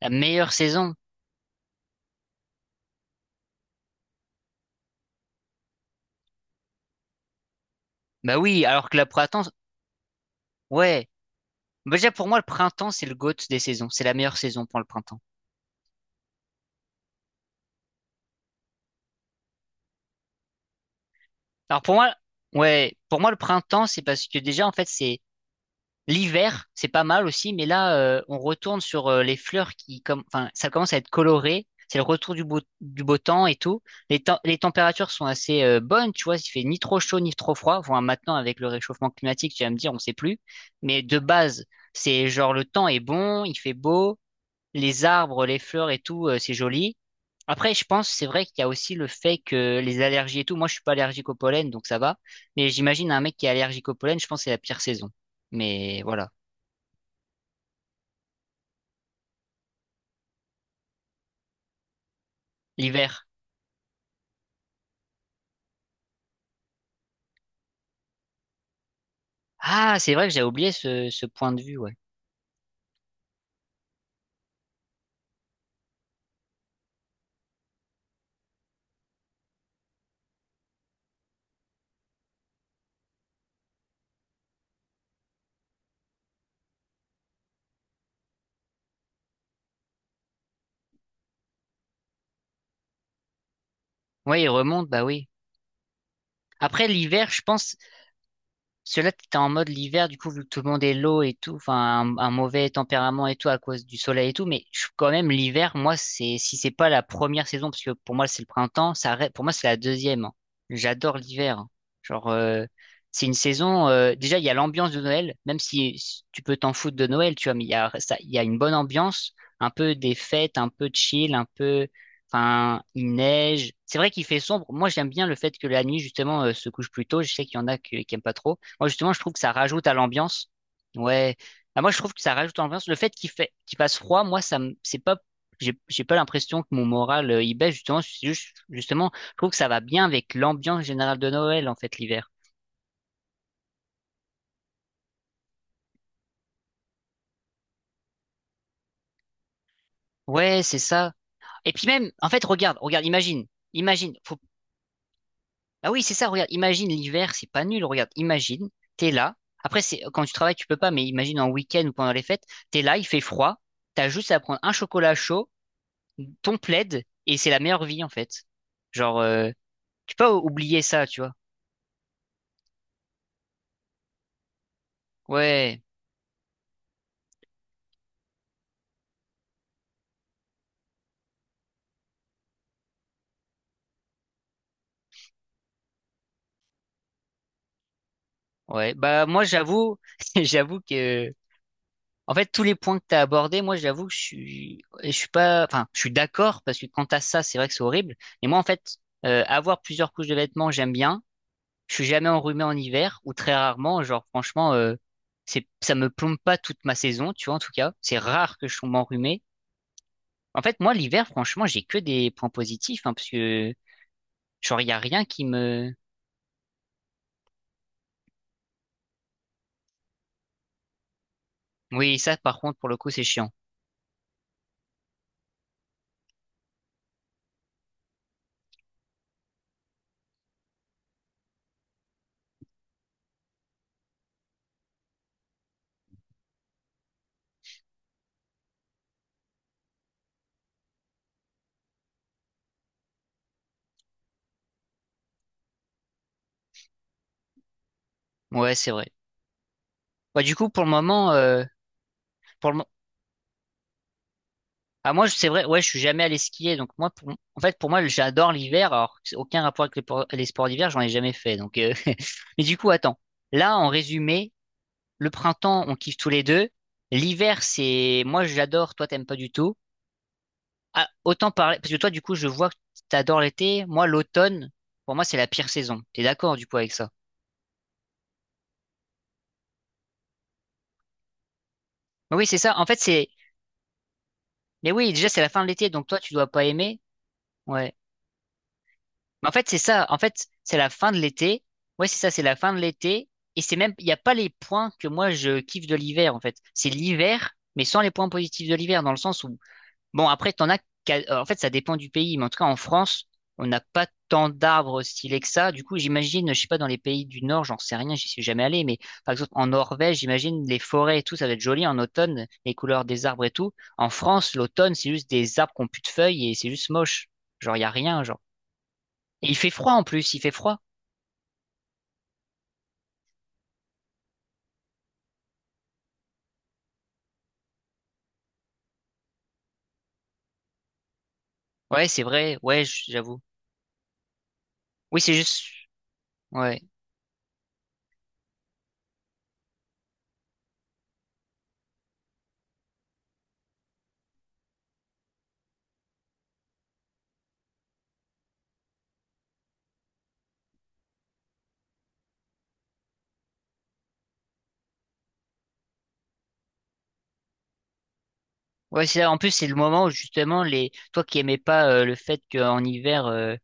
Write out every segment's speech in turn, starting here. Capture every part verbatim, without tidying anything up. La meilleure saison? Bah oui, alors que la printemps, ouais. Bah déjà pour moi le printemps c'est le GOAT des saisons, c'est la meilleure saison pour le printemps. Alors pour moi, ouais, pour moi le printemps c'est parce que déjà en fait c'est l'hiver, c'est pas mal aussi, mais là euh, on retourne sur euh, les fleurs qui comme, enfin ça commence à être coloré, c'est le retour du beau du beau temps et tout. Les tem- les températures sont assez euh, bonnes, tu vois, il fait ni trop chaud ni trop froid. Enfin maintenant avec le réchauffement climatique tu vas me dire on sait plus, mais de base c'est genre le temps est bon, il fait beau. Les arbres, les fleurs et tout, euh, c'est joli. Après, je pense, c'est vrai qu'il y a aussi le fait que les allergies et tout, moi je suis pas allergique au pollen, donc ça va. Mais j'imagine un mec qui est allergique au pollen, je pense que c'est la pire saison. Mais voilà. L'hiver. Ah, c'est vrai que j'ai oublié ce, ce point de vue, ouais. Ouais, il remonte, bah oui. Après, l'hiver, je pense, cela t'es en mode l'hiver, du coup, vu que tout le monde est low et tout, enfin, un, un mauvais tempérament et tout à cause du soleil et tout, mais je, quand même, l'hiver, moi, c'est, si c'est pas la première saison, parce que pour moi, c'est le printemps, ça, reste- pour moi, c'est la deuxième, hein. J'adore l'hiver, hein. Genre, euh, c'est une saison, euh, déjà, il y a l'ambiance de Noël, même si si tu peux t'en foutre de Noël, tu vois, mais il y a, ça, il y a une bonne ambiance, un peu des fêtes, un peu chill, un peu, enfin, il neige. C'est vrai qu'il fait sombre. Moi, j'aime bien le fait que la nuit, justement, euh, se couche plus tôt. Je sais qu'il y en a que- qui aiment pas trop. Moi, justement, je trouve que ça rajoute à l'ambiance. Ouais. Ah, moi, je trouve que ça rajoute à l'ambiance. Le fait qu'il fait, qu'il passe froid, moi, ça me, c'est pas, j'ai, j'ai pas l'impression que mon moral, euh, il baisse, justement. C'est juste- justement, je trouve que ça va bien avec l'ambiance générale de Noël, en fait, l'hiver. Ouais, c'est ça. Et puis même, en fait, regarde, regarde, imagine, imagine. Faut. Ah oui, c'est ça, regarde, imagine l'hiver, c'est pas nul, regarde, imagine, t'es là. Après, c'est, quand tu travailles, tu peux pas, mais imagine en week-end ou pendant les fêtes, t'es là, il fait froid, t'as juste à prendre un chocolat chaud, ton plaid et c'est la meilleure vie en fait. Genre, euh, tu peux pas oublier ça, tu vois. Ouais, ouais. Bah moi j'avoue, j'avoue que en fait tous les points que t'as abordés, moi j'avoue que je suis, je suis pas, enfin je suis d'accord parce que quand t'as ça, c'est vrai que c'est horrible. Mais moi en fait, euh, avoir plusieurs couches de vêtements, j'aime bien. Je suis jamais enrhumé en hiver ou très rarement. Genre franchement, euh, c'est, ça me plombe pas toute ma saison, tu vois en tout cas. C'est rare que je sois m'enrhumé. En fait, moi, l'hiver, franchement, j'ai que des points positifs, hein, parce que genre, il y a rien qui me. Oui, ça, par contre, pour le coup, c'est chiant. Ouais, c'est vrai. Ouais, du coup, pour le moment, euh, pour le... mo- Ah, moi, je- c'est vrai, ouais, je suis jamais allé skier. Donc, moi, pour... en fait, pour moi, j'adore l'hiver, alors que c'est aucun rapport avec les, por- les sports d'hiver, j'en ai jamais fait. Donc, euh, mais du coup, attends. Là, en résumé, le printemps, on kiffe tous les deux. L'hiver, c'est... Moi, j'adore, toi, t'aimes pas du tout. Ah, autant parler... Parce que toi, du coup, je vois que t'adores l'été. Moi, l'automne, pour moi, c'est la pire saison. T'es d'accord, du coup, avec ça? Oui, c'est ça. En fait, c'est... Mais oui, déjà, c'est la fin de l'été, donc toi, tu dois pas aimer. Ouais. Mais en fait, c'est ça. En fait, c'est la fin de l'été. Ouais, c'est ça, c'est la fin de l'été. Et c'est même, il n'y a pas les points que moi, je kiffe de l'hiver, en fait. C'est l'hiver, mais sans les points positifs de l'hiver, dans le sens où bon, après, t'en as. qu'à- En fait, ça dépend du pays, mais en tout cas, en France, on n'a pas tant d'arbres stylés que ça. Du coup, j'imagine, je sais pas, dans les pays du Nord, j'en sais rien, j'y suis jamais allé, mais par exemple, en Norvège, j'imagine les forêts et tout, ça va être joli en automne, les couleurs des arbres et tout. En France, l'automne, c'est juste des arbres qui ont plus de feuilles et c'est juste moche. Genre, il y a rien, genre. Et il fait froid en plus, il fait froid. Ouais, c'est vrai, ouais, j- j'avoue. Oui, c'est juste. Ouais. Ouais, c'est ça. En plus c'est le moment où justement les toi qui aimais pas euh, le fait qu'en hiver euh,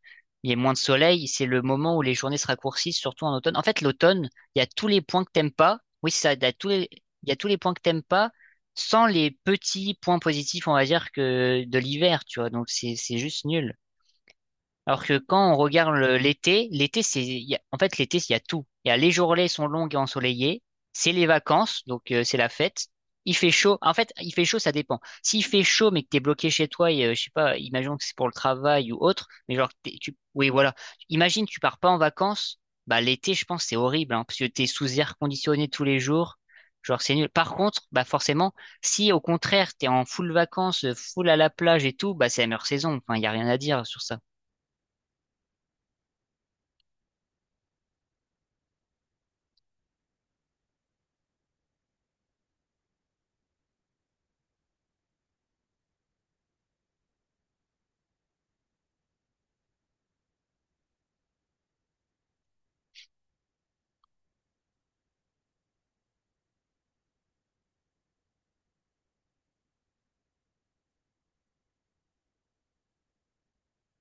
il y ait moins de soleil, c'est le moment où les journées se raccourcissent, surtout en automne. En fait, l'automne, il y a tous les points que t'aimes pas. Oui, c'est ça, il y a tous les il y a tous les points que t'aimes pas sans les petits points positifs, on va dire que de l'hiver, tu vois. Donc c'est c'est juste nul. Alors que quand on regarde le- l'été, l'été, c'est, il y a- en fait, l'été, il y a tout. Il y a les journées sont longues et ensoleillées, c'est les vacances, donc euh, c'est la fête. Il fait chaud. En fait, il fait chaud, ça dépend. S'il fait chaud, mais que t'es bloqué chez toi, et, euh, je sais pas, imaginons que c'est pour le travail ou autre, mais genre, t'es- tu, oui, voilà. Imagine, tu pars pas en vacances, bah l'été, je pense, c'est horrible, hein, parce que t'es sous air conditionné tous les jours. Genre, c'est nul. Par contre, bah forcément, si au contraire, t'es en full vacances, euh, full à la plage et tout, bah c'est la meilleure saison. Enfin, il y a rien à dire sur ça.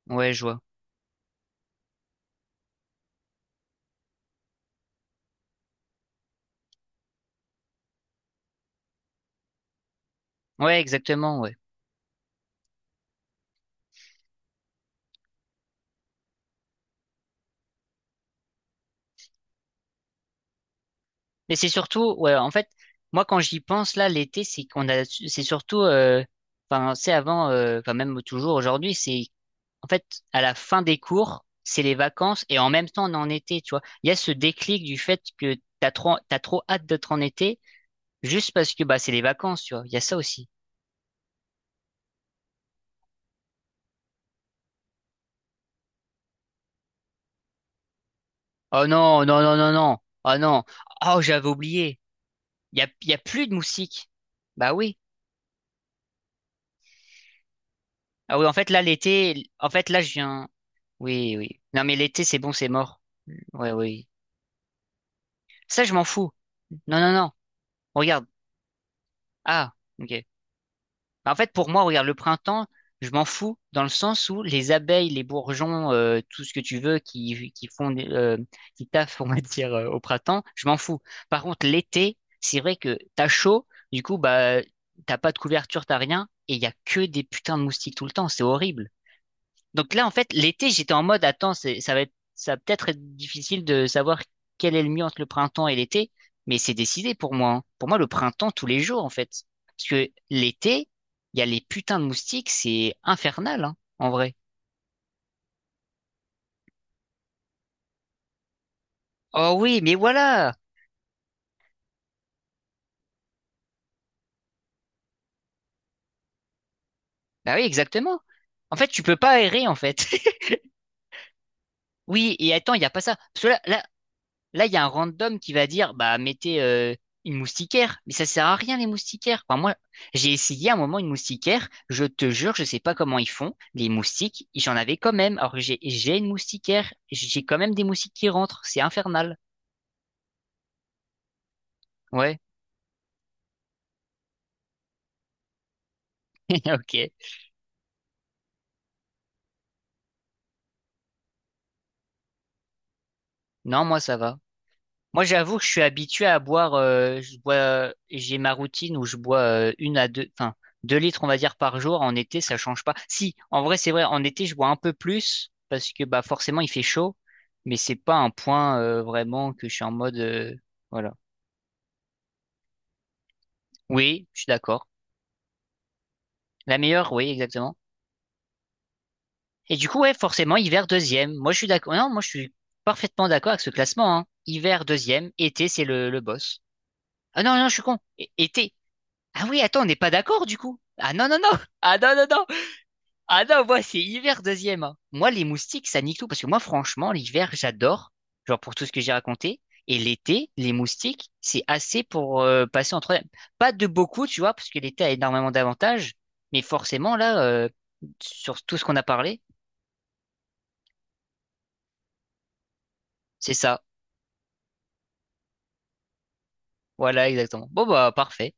Ouais, je vois. Ouais, exactement, ouais. Mais c'est surtout, ouais, en fait, moi quand j'y pense là, l'été, c'est qu'on a, c'est surtout, euh, enfin, c'est avant, euh, enfin même toujours aujourd'hui, c'est en fait à la fin des cours, c'est les vacances et en même temps on est en été, tu vois. Il y a ce déclic du fait que t'as trop, t'as trop hâte d'être en été juste parce que bah c'est les vacances, tu vois. Il y a ça aussi. Oh non, non, non, non, non. Oh non. Oh j'avais oublié. Il y a, il y a plus de moustiques. Bah oui. Ah oui, en fait là l'été, en fait là je viens. Oui, oui. Non, mais l'été, c'est bon, c'est mort. Ouais, oui. Ça, je m'en fous. Non, non, non. Regarde. Ah, ok. Bah, en fait, pour moi, regarde, le printemps, je m'en fous dans le sens où les abeilles, les bourgeons, euh, tout ce que tu veux qui, qui font, des- euh, qui taffent, on va dire, euh, au printemps, je m'en fous. Par contre, l'été, c'est vrai que t'as chaud, du coup, bah, t'as pas de couverture, t'as rien, et il y a que des putains de moustiques tout le temps. C'est horrible. Donc là, en fait, l'été, j'étais en mode, attends, c'est, ça va être, ça va peut-être être difficile de savoir quel est le mieux entre le printemps et l'été, mais c'est décidé pour moi, hein. Pour moi, le printemps, tous les jours, en fait. Parce que l'été, il y a les putains de moustiques, c'est infernal, hein, en vrai. Oh oui, mais voilà! Bah oui, exactement. En fait, tu peux pas aérer, en fait. Oui, et attends, il n'y a pas ça. Parce que là, là, là, il y a un random qui va dire, bah, mettez euh, une moustiquaire. Mais ça sert à rien, les moustiquaires. Enfin, moi, j'ai essayé à un moment une moustiquaire. Je te jure, je sais pas comment ils font. Les moustiques, j'en avais quand même. Alors que j'ai, j'ai une moustiquaire. J'ai quand même des moustiques qui rentrent. C'est infernal. Ouais, ok. Non, moi, ça va. Moi, j'avoue que je suis habitué à boire, euh, je bois, euh, j'ai ma routine où je bois euh, une à deux, enfin, deux litres, on va dire, par jour. En été, ça change pas. Si, en vrai, c'est vrai, en été, je bois un peu plus parce que, bah, forcément, il fait chaud, mais c'est pas un point euh, vraiment que je suis en mode, euh, voilà. Oui, je suis d'accord. La meilleure, oui, exactement. Et du coup, ouais, forcément, hiver deuxième. Moi, je suis d'accord. Non, moi, je suis parfaitement d'accord avec ce classement, hein. Hiver deuxième, été, c'est le, le boss. Ah non, non, je suis con. É- Été. Ah oui, attends, on n'est pas d'accord du coup. Ah non, non, non. Ah non, non, non. Ah non, moi, c'est hiver deuxième, hein. Moi, les moustiques, ça nique tout. Parce que moi, franchement, l'hiver, j'adore. Genre pour tout ce que j'ai raconté. Et l'été, les moustiques, c'est assez pour euh, passer en troisième. Pas de beaucoup, tu vois, parce que l'été a énormément d'avantages. Mais forcément, là, euh, sur tout ce qu'on a parlé, c'est ça. Voilà, exactement. Bon, bah, parfait.